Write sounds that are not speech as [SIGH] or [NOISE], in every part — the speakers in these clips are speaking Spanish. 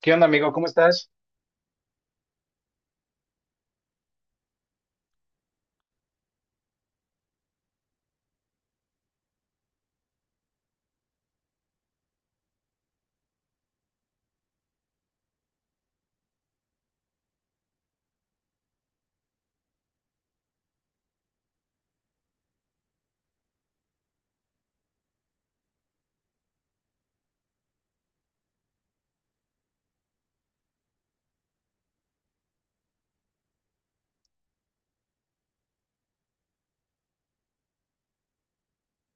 ¿Qué onda, amigo? ¿Cómo estás?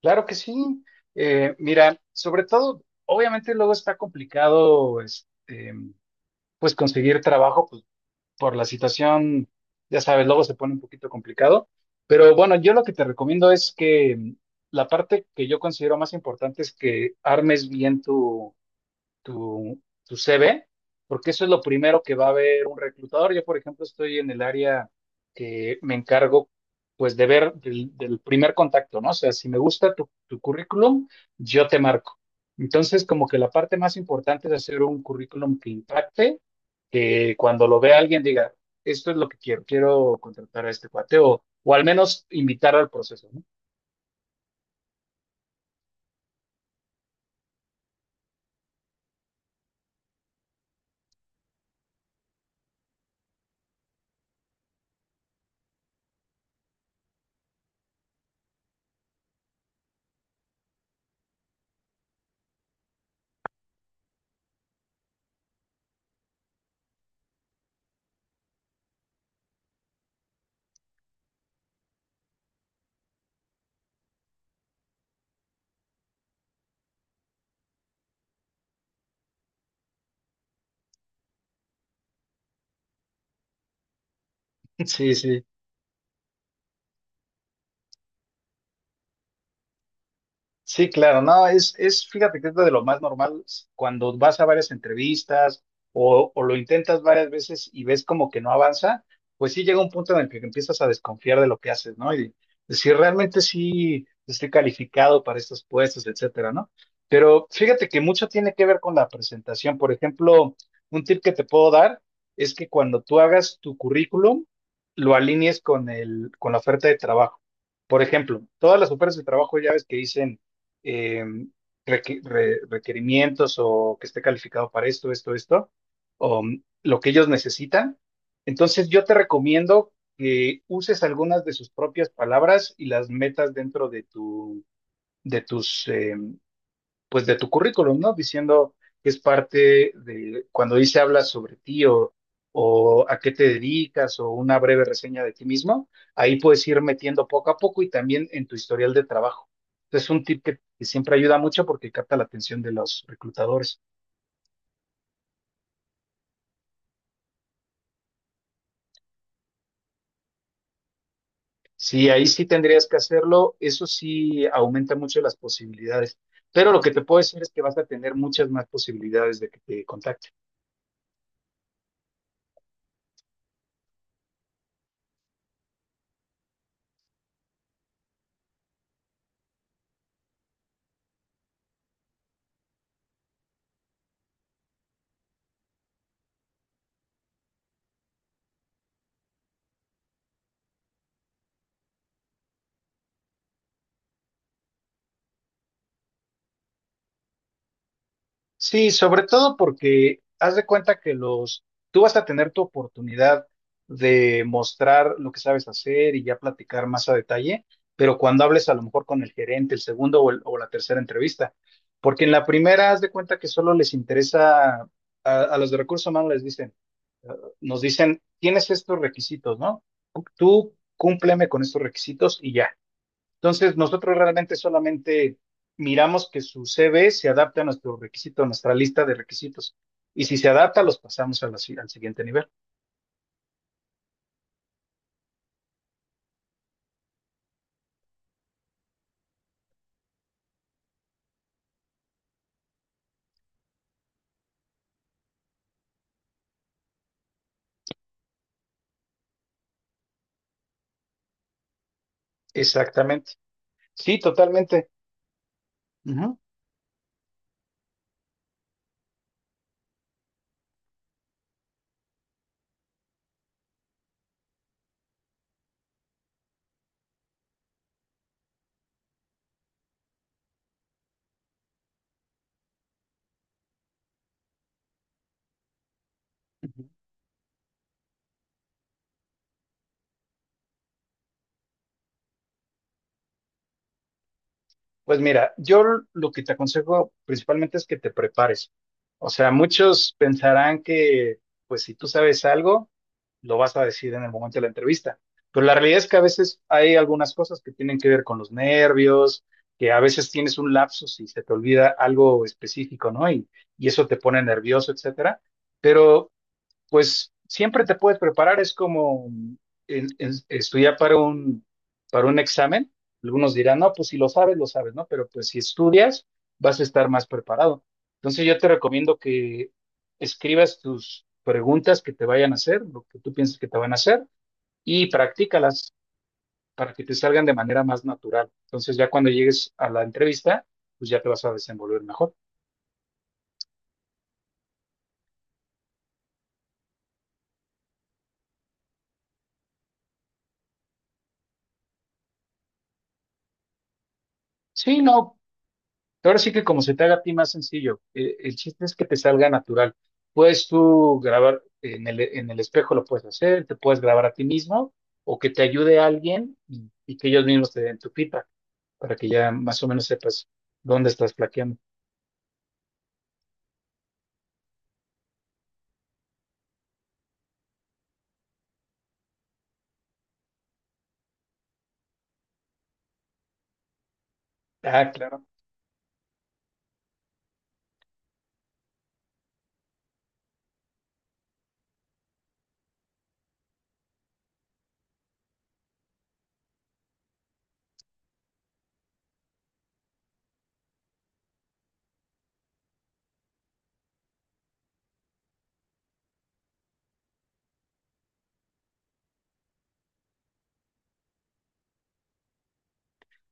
Claro que sí. Mira, sobre todo, obviamente luego está complicado, pues conseguir trabajo pues, por la situación, ya sabes, luego se pone un poquito complicado. Pero bueno, yo lo que te recomiendo es que la parte que yo considero más importante es que armes bien tu, tu CV, porque eso es lo primero que va a ver un reclutador. Yo, por ejemplo, estoy en el área que me encargo, pues, de ver del primer contacto, ¿no? O sea, si me gusta tu currículum, yo te marco. Entonces, como que la parte más importante es hacer un currículum que impacte, que cuando lo vea alguien diga, esto es lo que quiero, quiero contratar a este cuate, o al menos invitar al proceso, ¿no? [LAUGHS] Sí, sí. Sí, claro, no, es, fíjate que es de lo más normal cuando vas a varias entrevistas o lo intentas varias veces y ves como que no avanza, pues sí llega un punto en el que empiezas a desconfiar de lo que haces, ¿no? Y decir, realmente sí estoy calificado para estos puestos, etcétera, ¿no? Pero fíjate que mucho tiene que ver con la presentación. Por ejemplo, un tip que te puedo dar es que cuando tú hagas tu currículum, lo alinees con con la oferta de trabajo. Por ejemplo, todas las ofertas de trabajo ya ves que dicen eh, requerimientos o que esté calificado para esto, esto, esto, o lo que ellos necesitan. Entonces yo te recomiendo que uses algunas de sus propias palabras y las metas dentro de de tus, eh, pues de tu currículum, ¿no? Diciendo que es parte de cuando dice habla sobre ti o a qué te dedicas o una breve reseña de ti mismo, ahí puedes ir metiendo poco a poco y también en tu historial de trabajo. Es un tip que siempre ayuda mucho porque capta la atención de los reclutadores. Sí, ahí sí tendrías que hacerlo, eso sí aumenta mucho las posibilidades, pero lo que te puedo decir es que vas a tener muchas más posibilidades de que te contacten. Sí, sobre todo porque haz de cuenta que los, tú vas a tener tu oportunidad de mostrar lo que sabes hacer y ya platicar más a detalle, pero cuando hables a lo mejor con el gerente, el segundo o la tercera entrevista, porque en la primera haz de cuenta que solo les interesa a los de recursos humanos les dicen, eh, nos dicen, tienes estos requisitos, ¿no? Tú cúmpleme con estos requisitos y ya. Entonces, nosotros realmente solamente miramos que su CV se adapte a nuestro requisito, a nuestra lista de requisitos. Y si se adapta, los pasamos a la al siguiente nivel. Exactamente. Sí, totalmente. Ujú. Pues mira, yo lo que te aconsejo principalmente es que te prepares. O sea, muchos pensarán que, pues si tú sabes algo, lo vas a decir en el momento de la entrevista. Pero la realidad es que a veces hay algunas cosas que tienen que ver con los nervios, que a veces tienes un lapsus y se te olvida algo específico, ¿no? Y eso te pone nervioso, etcétera. Pero pues siempre te puedes preparar, es como estudiar para para un examen. Algunos dirán, no, pues si lo sabes, lo sabes, ¿no? Pero pues si estudias, vas a estar más preparado. Entonces yo te recomiendo que escribas tus preguntas que te vayan a hacer, lo que tú piensas que te van a hacer, y practícalas para que te salgan de manera más natural. Entonces ya cuando llegues a la entrevista, pues ya te vas a desenvolver mejor. Sí, no, ahora sí que como se te haga a ti más sencillo, el chiste es que te salga natural. Puedes tú grabar en en el espejo, lo puedes hacer, te puedes grabar a ti mismo o que te ayude alguien y que ellos mismos te den tu pipa para que ya más o menos sepas dónde estás plaqueando. Ah, claro.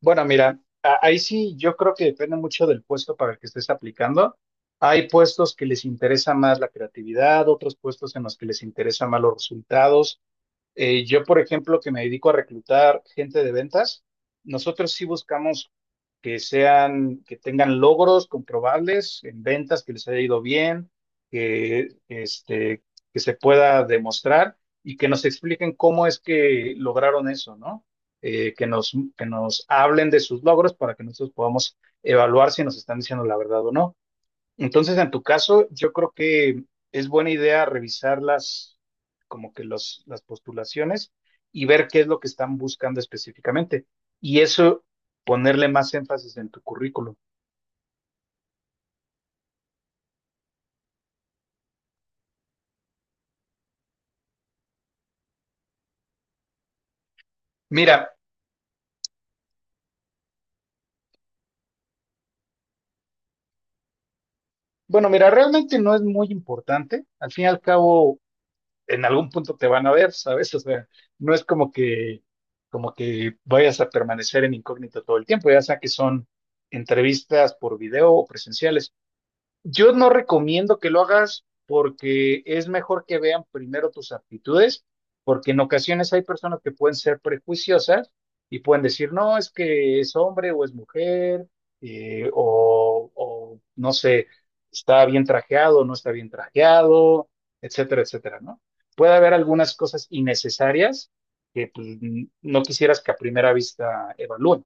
Ahí sí yo creo que depende mucho del puesto para el que estés aplicando. Hay puestos que les interesa más la creatividad, otros puestos en los que les interesa más los resultados. Yo, por ejemplo, que me dedico a reclutar gente de ventas, nosotros sí buscamos que sean, que tengan logros comprobables en ventas, que les haya ido bien, que, que se pueda demostrar y que nos expliquen cómo es que lograron eso, ¿no? Que nos hablen de sus logros para que nosotros podamos evaluar si nos están diciendo la verdad o no. Entonces, en tu caso, yo creo que es buena idea revisar las, como que los, las postulaciones y ver qué es lo que están buscando específicamente. Y eso, ponerle más énfasis en tu currículum. Mira, bueno, mira, realmente no es muy importante. Al fin y al cabo, en algún punto te van a ver, ¿sabes? [LAUGHS] O sea, no es como que vayas a permanecer en incógnito todo el tiempo, ya sea que son entrevistas por video o presenciales. Yo no recomiendo que lo hagas porque es mejor que vean primero tus aptitudes, porque en ocasiones hay personas que pueden ser prejuiciosas y pueden decir, no, es que es hombre o es mujer, o no sé, está bien trajeado o no está bien trajeado, etcétera, etcétera, ¿no? Puede haber algunas cosas innecesarias que pues, no quisieras que a primera vista evalúen.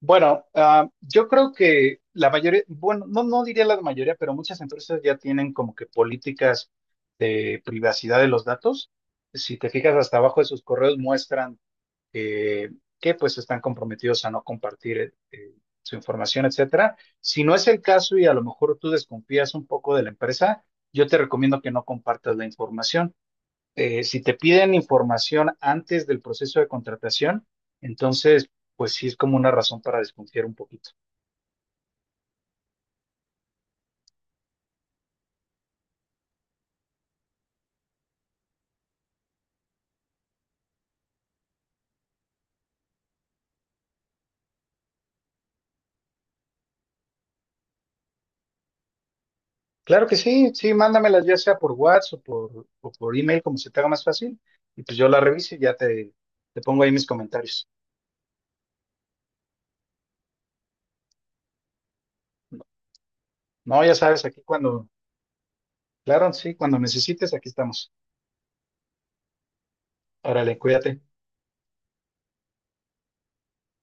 Bueno, yo creo que la mayoría, bueno, no, no diría la mayoría, pero muchas empresas ya tienen como que políticas de privacidad de los datos. Si te fijas hasta abajo de sus correos muestran eh, que pues están comprometidos a no compartir su información, etcétera. Si no es el caso y a lo mejor tú desconfías un poco de la empresa, yo te recomiendo que no compartas la información, si te piden información antes del proceso de contratación, entonces, pues sí es como una razón para desconfiar un poquito. Claro que sí, sí, mándamelas ya sea por WhatsApp o por email, como se te haga más fácil, y pues yo la reviso y ya te pongo ahí mis comentarios. No, ya sabes, aquí cuando, claro, sí, cuando necesites, aquí estamos. Órale, cuídate.